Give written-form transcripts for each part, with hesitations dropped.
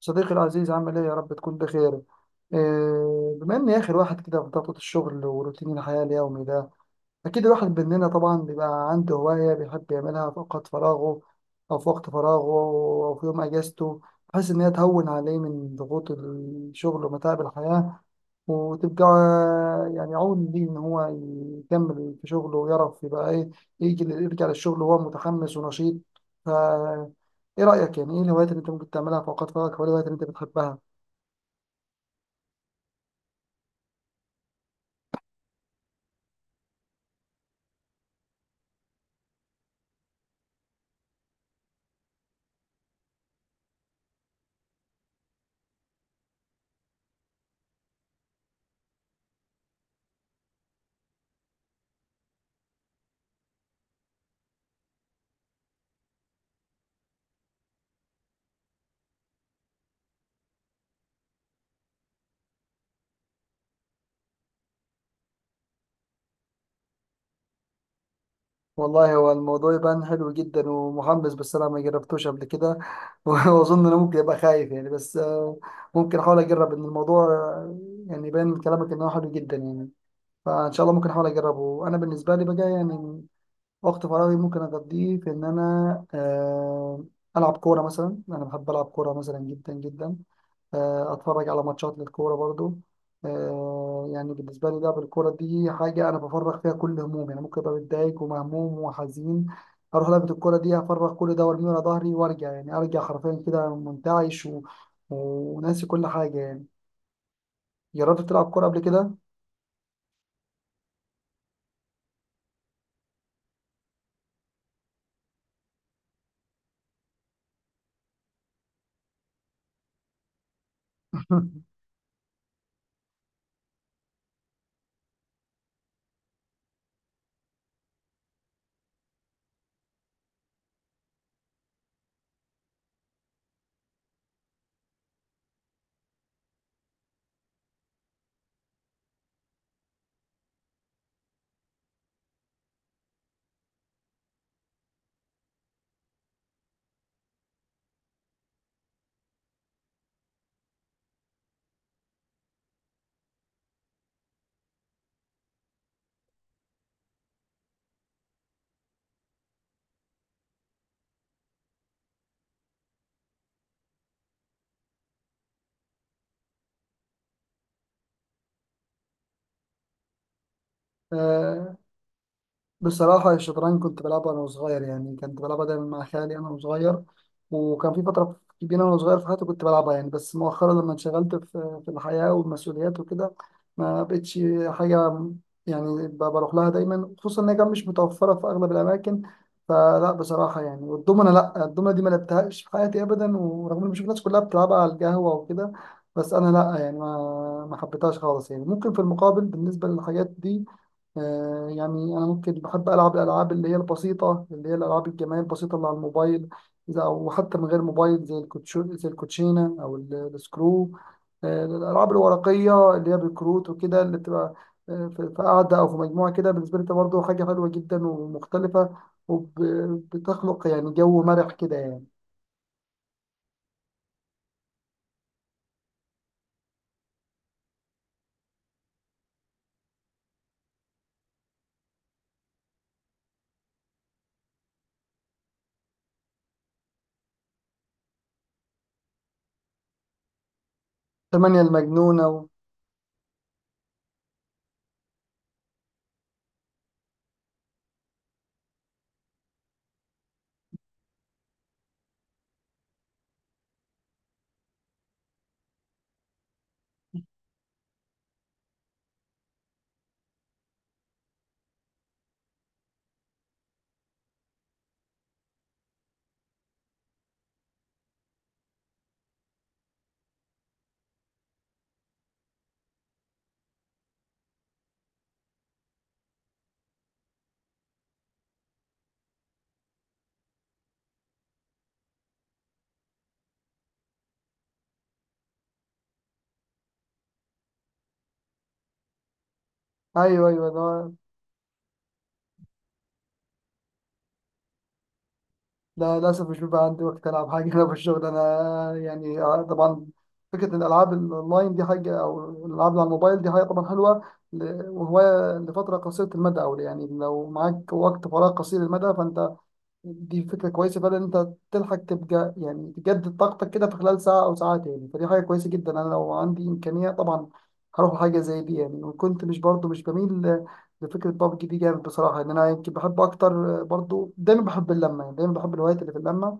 صديقي العزيز، عامل ايه؟ يا رب تكون بخير. إيه بما اني اخر واحد كده في ضغطة الشغل وروتين الحياة اليومي ده، أكيد الواحد مننا طبعا بيبقى عنده هواية بيحب يعملها في أوقات فراغه أو في وقت فراغه أو في يوم أجازته، بحيث إن هي تهون عليه من ضغوط الشغل ومتاعب الحياة، وتبقى يعني عون ليه إن هو يكمل في شغله ويعرف يبقى إيه، يجي يرجع للشغل وهو متحمس ونشيط. فا إيه رأيك؟ يعني إيه الهوايات اللي أنت ممكن تعملها في أوقات فراغك، أو الهوايات اللي أنت بتحبها؟ والله هو الموضوع يبان حلو جدا ومحمس، بس انا ما جربتوش قبل كده. واظن انا ممكن ابقى خايف يعني، بس ممكن احاول اجرب ان الموضوع يعني يبان من كلامك ان هو حلو جدا يعني، فان شاء الله ممكن احاول اجربه. انا بالنسبه لي بقى يعني، وقت فراغي ممكن اقضيه في ان انا العب كوره مثلا. انا بحب العب كوره مثلا جدا جدا. اتفرج على ماتشات للكوره برضو. يعني بالنسبه لي لعب الكوره دي حاجه انا بفرغ فيها كل همومي. انا ممكن ابقى متضايق ومهموم وحزين، اروح لعبه الكوره دي افرغ كل ده وارميه على ظهري، وارجع يعني ارجع حرفيا كده منتعش وناسي كل حاجه يعني. جربت تلعب كوره قبل كده؟ بصراحة الشطرنج كنت بلعبها وأنا صغير، يعني كنت بلعبها دايما مع خالي أنا وصغير، وكان في فترة كبيرة وأنا صغير في حياتي كنت بلعبها يعني، بس مؤخرا لما انشغلت في الحياة والمسؤوليات وكده، ما بقتش حاجة يعني بروح لها دايما، خصوصا إن هي كانت مش متوفرة في أغلب الأماكن. فلا بصراحة يعني، والدومنة، لا الدومنة دي ما لعبتهاش في حياتي أبدا، ورغم إن بشوف الناس كلها بتلعبها على القهوة وكده، بس أنا لا يعني ما حبيتهاش خالص يعني. ممكن في المقابل بالنسبة للحاجات دي، يعني أنا ممكن بحب ألعب الألعاب اللي هي البسيطة، اللي هي الألعاب الجماعية البسيطة اللي على الموبايل، إذا أو حتى من غير موبايل، زي الكوتشو، زي الكوتشينة، أو السكرو. الألعاب الورقية اللي هي بالكروت وكده، اللي بتبقى في قعدة أو في مجموعة كده، بالنسبة لي ده برضه حاجة حلوة جدا ومختلفة، وبتخلق يعني جو مرح كده يعني. ثمانية المجنونة أيوه، أيوه ده. لا للأسف مش بيبقى عندي وقت ألعب حاجة. أنا في الشغل أنا يعني طبعا فكرة إن الألعاب الأونلاين دي حاجة، أو الألعاب اللي على الموبايل دي حاجة طبعا حلوة، وهواية لفترة قصيرة المدى، أو يعني لو معاك وقت فراغ قصير المدى فأنت، دي فكرة كويسة فعلا إن أنت تلحق تبقى يعني تجدد طاقتك كده في خلال ساعة أو ساعتين. فدي حاجة كويسة جدا. أنا لو عندي إمكانية طبعا هروح حاجة زي دي يعني. وكنت مش برضو مش بميل لفكرة بابجي دي جامد بصراحة، إن أنا يمكن بحب أكتر برضو. دايما بحب اللمة يعني، دايما بحب الهوايات اللي في اللمة،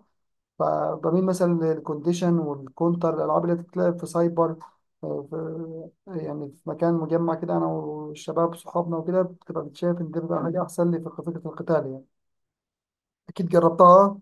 فبميل مثلا للكونديشن والكونتر، الألعاب اللي بتتلعب في سايبر، آه، في يعني في مكان مجمع كده أنا والشباب صحابنا وكده، بتبقى بتشاف إن ده بيبقى حاجة أحسن لي في فكرة القتال يعني. أكيد جربتها.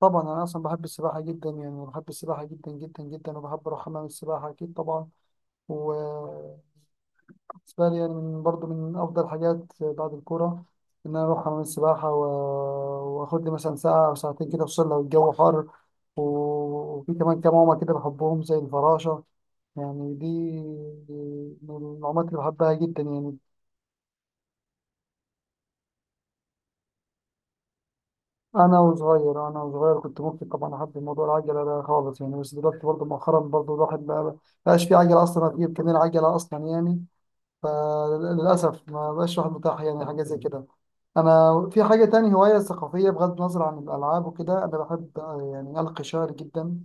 طبعا انا اصلا بحب السباحه جدا يعني، بحب السباحه جدا جدا جدا، وبحب اروح حمام السباحه اكيد طبعا. وبالنسبه لي يعني، من برضو من افضل حاجات بعد الكوره ان انا اروح حمام السباحه واخد لي مثلا ساعه او ساعتين كده، خصوصا لو الجو حر، و... وفي كمان كام عومه كده بحبهم، زي الفراشه يعني، دي من العومات اللي بحبها جدا يعني. انا وصغير، انا وصغير كنت ممكن طبعا احب موضوع العجله ده خالص يعني، بس دلوقتي برضه مؤخرا برضه الواحد بقى بقاش في عجله اصلا، ما في امكانيه العجله اصلا يعني، فللاسف ما بقاش الواحد متاح يعني حاجه زي كده. انا في حاجه تاني، هوايه ثقافيه بغض النظر عن الالعاب وكده، انا بحب يعني القي شعر جدا،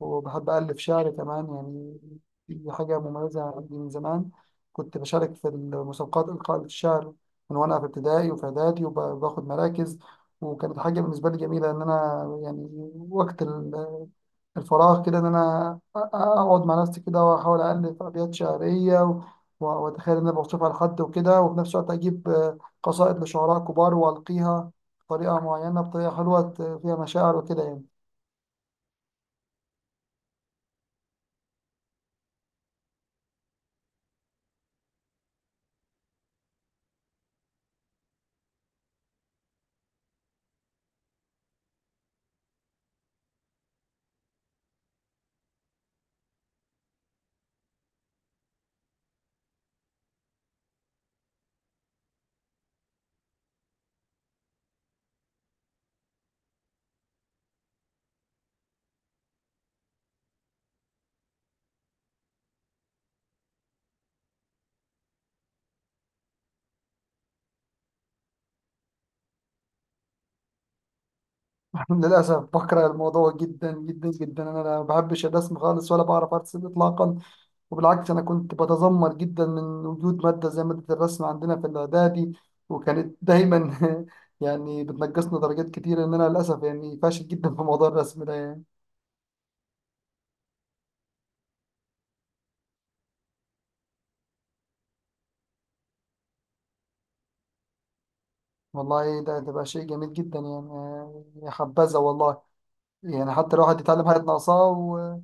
وبحب ألف شعر كمان يعني. دي حاجة مميزة عندي من زمان، كنت بشارك في المسابقات إلقاء الشعر من وأنا في ابتدائي وفي إعدادي وباخد مراكز. وكانت حاجة بالنسبة لي جميلة إن أنا يعني وقت الفراغ كده، إن أنا أقعد مع نفسي كده وأحاول ألف أبيات شعرية، وأتخيل إن أنا بوصفها لحد وكده، وفي نفس الوقت أجيب قصائد لشعراء كبار وألقيها بطريقة معينة، بطريقة حلوة فيها مشاعر وكده يعني. للأسف بكره الموضوع جدا جدا جدا، أنا ما بحبش الرسم خالص ولا بعرف أرسم إطلاقا. وبالعكس أنا كنت بتذمر جدا من وجود مادة زي مادة الرسم عندنا في الإعدادي، وكانت دايما يعني بتنقصنا درجات كتير، إن أنا للأسف يعني فاشل جدا في موضوع الرسم ده يعني. والله ده بقى شيء جميل جدا يعني، يا حبذا والله، يعني حتى الواحد يتعلم حاجة ناقصاه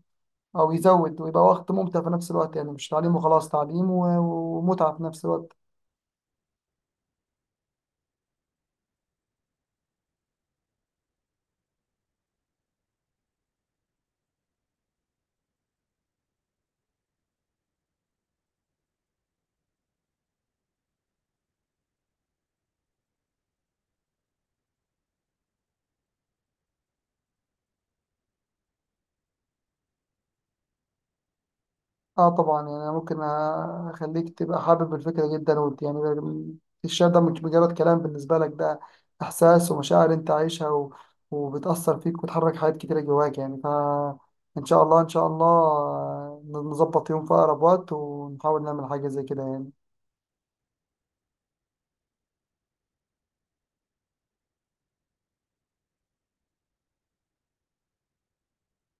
أو يزود، ويبقى وقت ممتع في نفس الوقت يعني، مش تعليم وخلاص، تعليم ومتعة في نفس الوقت. اه طبعا يعني، أنا ممكن اخليك تبقى حابب الفكره جدا يعني الشعر ده مش مجرد كلام بالنسبه لك، ده احساس ومشاعر انت عايشها، وبتاثر فيك وتحرك حاجات كتيره جواك يعني. ان شاء الله، ان شاء الله نظبط يوم في اقرب وقت ونحاول نعمل حاجه زي كده يعني.